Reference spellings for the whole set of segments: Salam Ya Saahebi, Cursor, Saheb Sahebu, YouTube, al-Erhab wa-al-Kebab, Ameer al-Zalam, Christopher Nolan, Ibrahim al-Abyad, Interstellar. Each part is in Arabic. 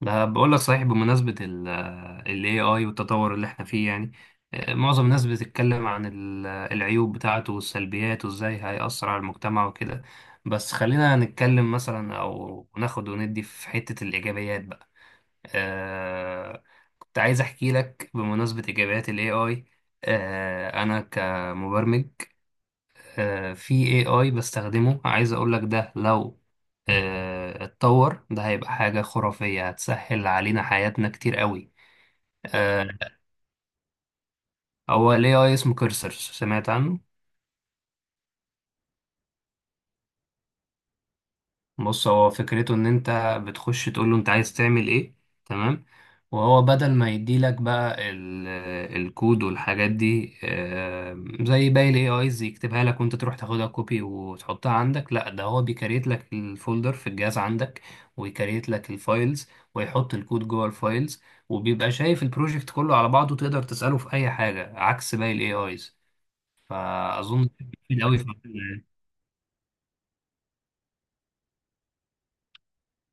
ده بقول لك صحيح بمناسبة ال AI والتطور اللي احنا فيه يعني. معظم الناس بتتكلم عن العيوب بتاعته والسلبيات وازاي هيأثر على المجتمع وكده. بس خلينا نتكلم مثلا او ناخد وندي في حتة الإيجابيات بقى. آه، كنت عايز احكي لك بمناسبة إيجابيات ال AI. انا كمبرمج، في AI بستخدمه، عايز أقولك ده لو اتطور ده هيبقى حاجة خرافية، هتسهل علينا حياتنا كتير قوي. آه، هو ال AI اسمه كيرسر، سمعت عنه؟ بص، هو فكرته ان انت بتخش تقول له انت عايز تعمل ايه، تمام، وهو بدل ما يديلك بقى الكود والحاجات دي، زي باقي الاي ايز يكتبها لك وانت تروح تاخدها كوبي وتحطها عندك، لا ده هو بيكريت لك الفولدر في الجهاز عندك، ويكريت لك الفايلز، ويحط الكود جوه الفايلز، وبيبقى شايف البروجكت كله على بعضه، تقدر تسأله في اي حاجة عكس باقي الاي ايز. فاظن مفيد قوي في المجال ده.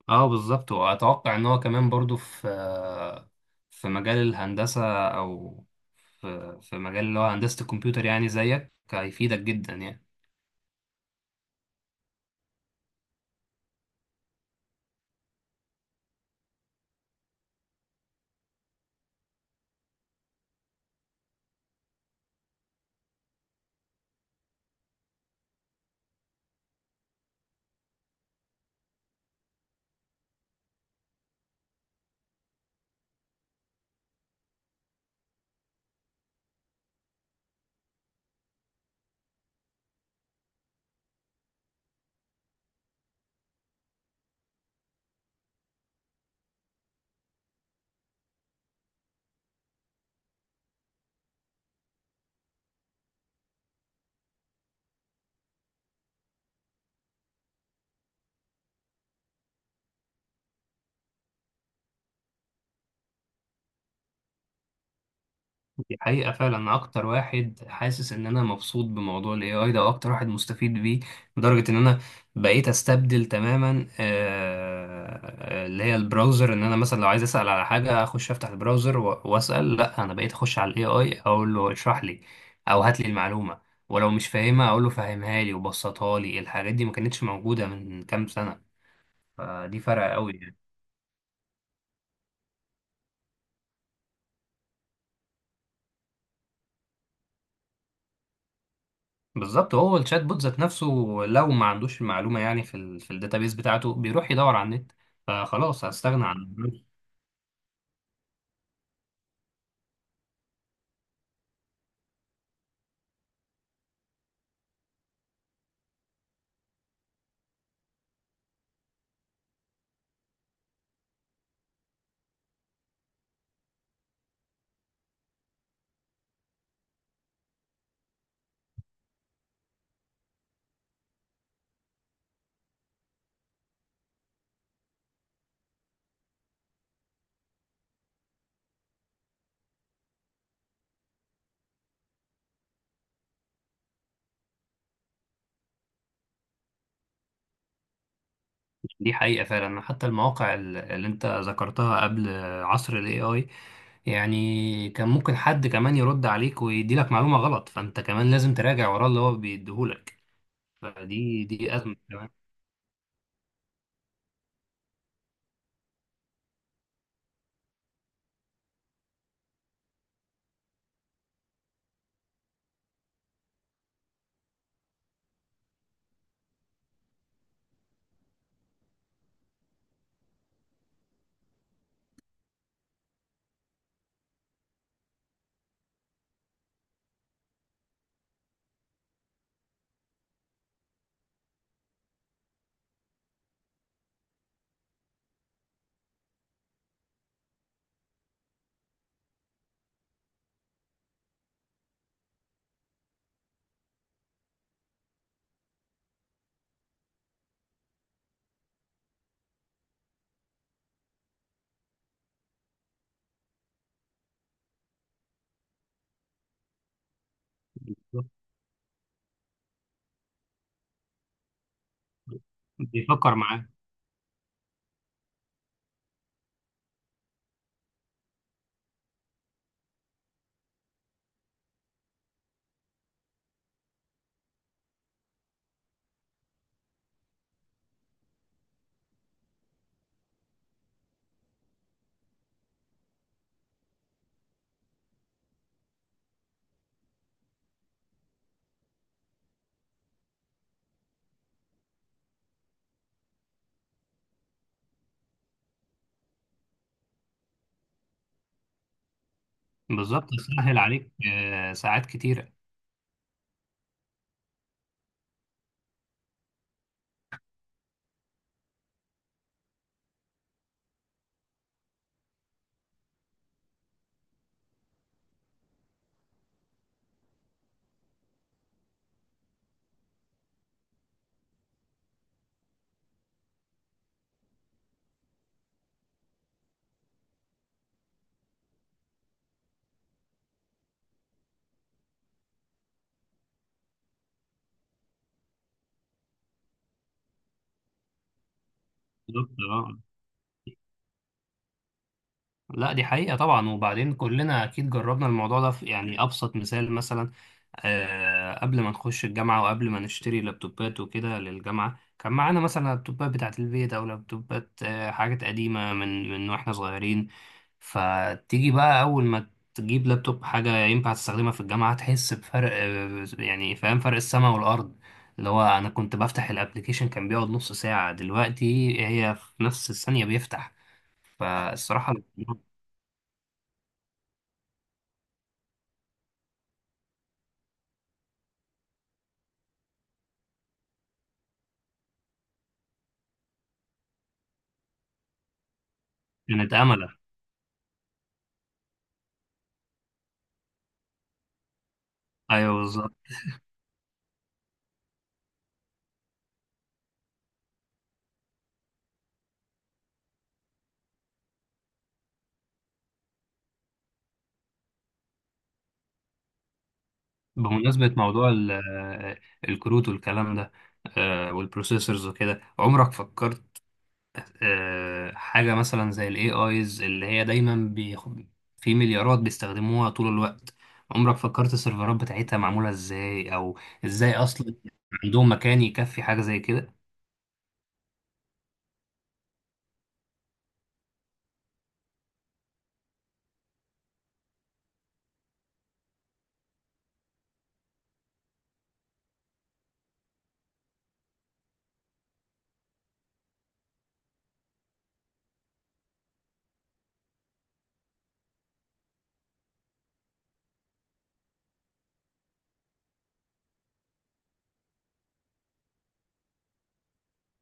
اه بالظبط، واتوقع ان هو كمان برضو في في مجال الهندسه، او في مجال اللي هو هندسه الكمبيوتر، يعني زيك هيفيدك جدا يعني. دي حقيقة فعلا، أنا أكتر واحد حاسس إن أنا مبسوط بموضوع ال AI ده وأكتر واحد مستفيد بيه، لدرجة إن أنا بقيت أستبدل تماما اللي هي البراوزر، إن أنا مثلا لو عايز أسأل على حاجة أخش أفتح البراوزر و- وأسأل، لأ، أنا بقيت أخش على ال AI أقول له اشرح لي أو هات لي المعلومة، ولو مش فاهمها أقول له فهمها لي وبسطها لي. الحاجات دي ما كانتش موجودة من كام سنة، فدي فرق أوي يعني. بالظبط، هو الشات بوت ذات نفسه لو ما عندوش المعلومه، يعني في الداتابيس بتاعته بيروح يدور على النت، فخلاص هستغنى عن البرامج. دي حقيقه فعلا، حتى المواقع اللي انت ذكرتها قبل عصر الاي اي، يعني كان ممكن حد كمان يرد عليك ويدي لك معلومه غلط، فانت كمان لازم تراجع وراه اللي هو بيديهولك، فدي ازمه كمان. بيفكر معاك. بالظبط، سهل عليك ساعات كتيره. بالظبط. لا، دي حقيقة طبعا، وبعدين كلنا أكيد جربنا الموضوع ده في يعني أبسط مثال. مثلا قبل ما نخش الجامعة وقبل ما نشتري لابتوبات وكده للجامعة، كان معانا مثلا لابتوبات بتاعة البيت أو لابتوبات حاجات قديمة من وإحنا صغيرين، فتيجي بقى أول ما تجيب لابتوب حاجة ينفع تستخدمها في الجامعة تحس بفرق يعني، فاهم، فرق السماء والأرض. اللي هو أنا كنت بفتح الأبليكيشن كان بيقعد نص ساعة، دلوقتي هي في نفس الثانية بيفتح، فالصراحة كانت أملة. أيوه بالظبط. بمناسبة موضوع الكروت والكلام ده، والبروسيسورز وكده، عمرك فكرت حاجة مثلا زي ال AIs اللي هي دايما في مليارات بيستخدموها طول الوقت؟ عمرك فكرت السيرفرات بتاعتها معمولة ازاي؟ أو ازاي أصلا عندهم مكان يكفي حاجة زي كده؟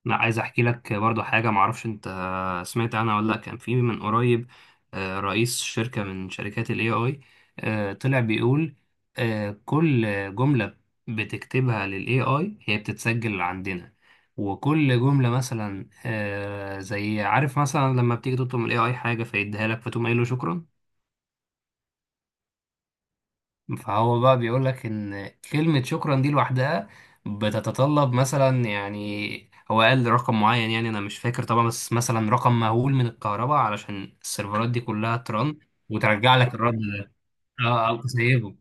لا، عايز احكي لك برضو حاجه، معرفش انت سمعت عنها ولا لا. كان في من قريب رئيس شركه من شركات الاي اي طلع بيقول كل جمله بتكتبها للاي اي هي بتتسجل عندنا، وكل جمله مثلا زي عارف مثلا لما بتيجي تطلب من الاي اي حاجه فيديها لك فتقوم قايل له شكرا، فهو بقى بيقول لك ان كلمة شكرا دي لوحدها بتتطلب مثلا، يعني هو قال رقم معين، يعني انا مش فاكر طبعا، بس مثلا رقم مهول من الكهرباء علشان السيرفرات دي كلها ترن وترجع لك الرد ده. اه، او تسيبه.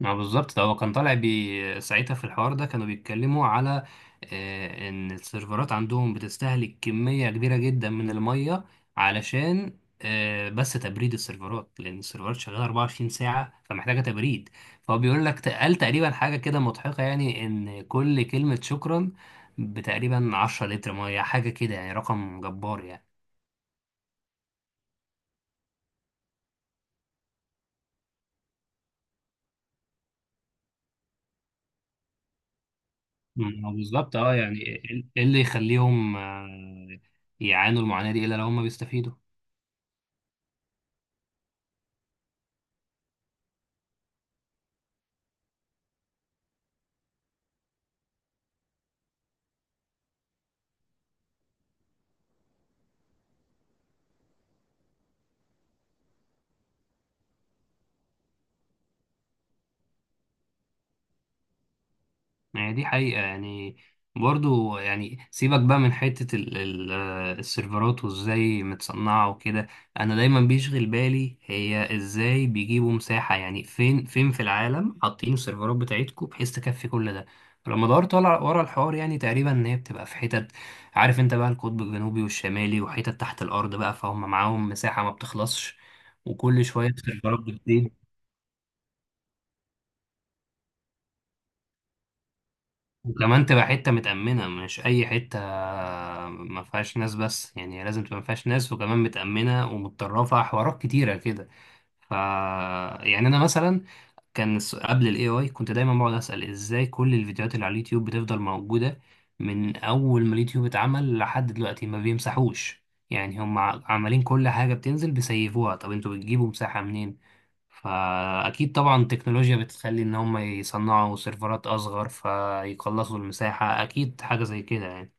ما بالظبط، ده هو كان طالع بي ساعتها في الحوار ده، كانوا بيتكلموا على ان السيرفرات عندهم بتستهلك كمية كبيرة جدا من المية، علشان بس تبريد السيرفرات، لان السيرفرات شغالة 24 ساعة فمحتاجة تبريد. فهو بيقول لك قال تقريبا حاجة كده مضحكة، يعني ان كل كلمة شكرا بتقريبا 10 لتر مية، حاجة كده يعني، رقم جبار يعني. ما بالظبط. اه، يعني ايه، إيه اللي يخليهم يعانوا المعاناة دي الا لو هم بيستفيدوا؟ يعني دي حقيقة يعني. برضو يعني سيبك بقى من حتة السيرفرات وازاي متصنعة وكده. انا دايما بيشغل بالي هي ازاي بيجيبوا مساحة، يعني فين فين في العالم حاطين السيرفرات بتاعتكم بحيث تكفي كل ده؟ فلما دورت ورا ورا الحوار، يعني تقريبا ان هي بتبقى في حتت، عارف انت بقى، القطب الجنوبي والشمالي وحتت تحت الارض بقى، فهم معاهم مساحة ما بتخلصش، وكل شوية السيرفرات بتزيد. وكمان تبقى حتة متأمنة، مش أي حتة ما فيهاش ناس بس، يعني لازم تبقى ما فيهاش ناس وكمان متأمنة ومتطرفة حوارات كتيرة كده. ف يعني أنا مثلا كان قبل ال AI كنت دايما بقعد أسأل إزاي كل الفيديوهات اللي على اليوتيوب بتفضل موجودة من أول ما اليوتيوب اتعمل لحد دلوقتي ما بيمسحوش. يعني هم عمالين كل حاجة بتنزل بيسيفوها، طب انتوا بتجيبوا مساحة منين؟ فأكيد طبعا التكنولوجيا بتخلي إن هم يصنعوا سيرفرات أصغر فيقلصوا المساحة، أكيد حاجة زي كده يعني.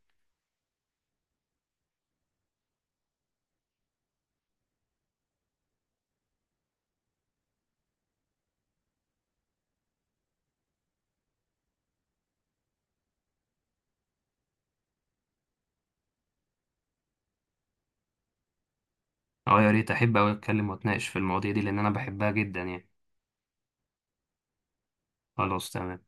أه، يا ريت، أحب أوي أتكلم وأتناقش في المواضيع دي لأن أنا بحبها جدا يعني. خلاص تمام.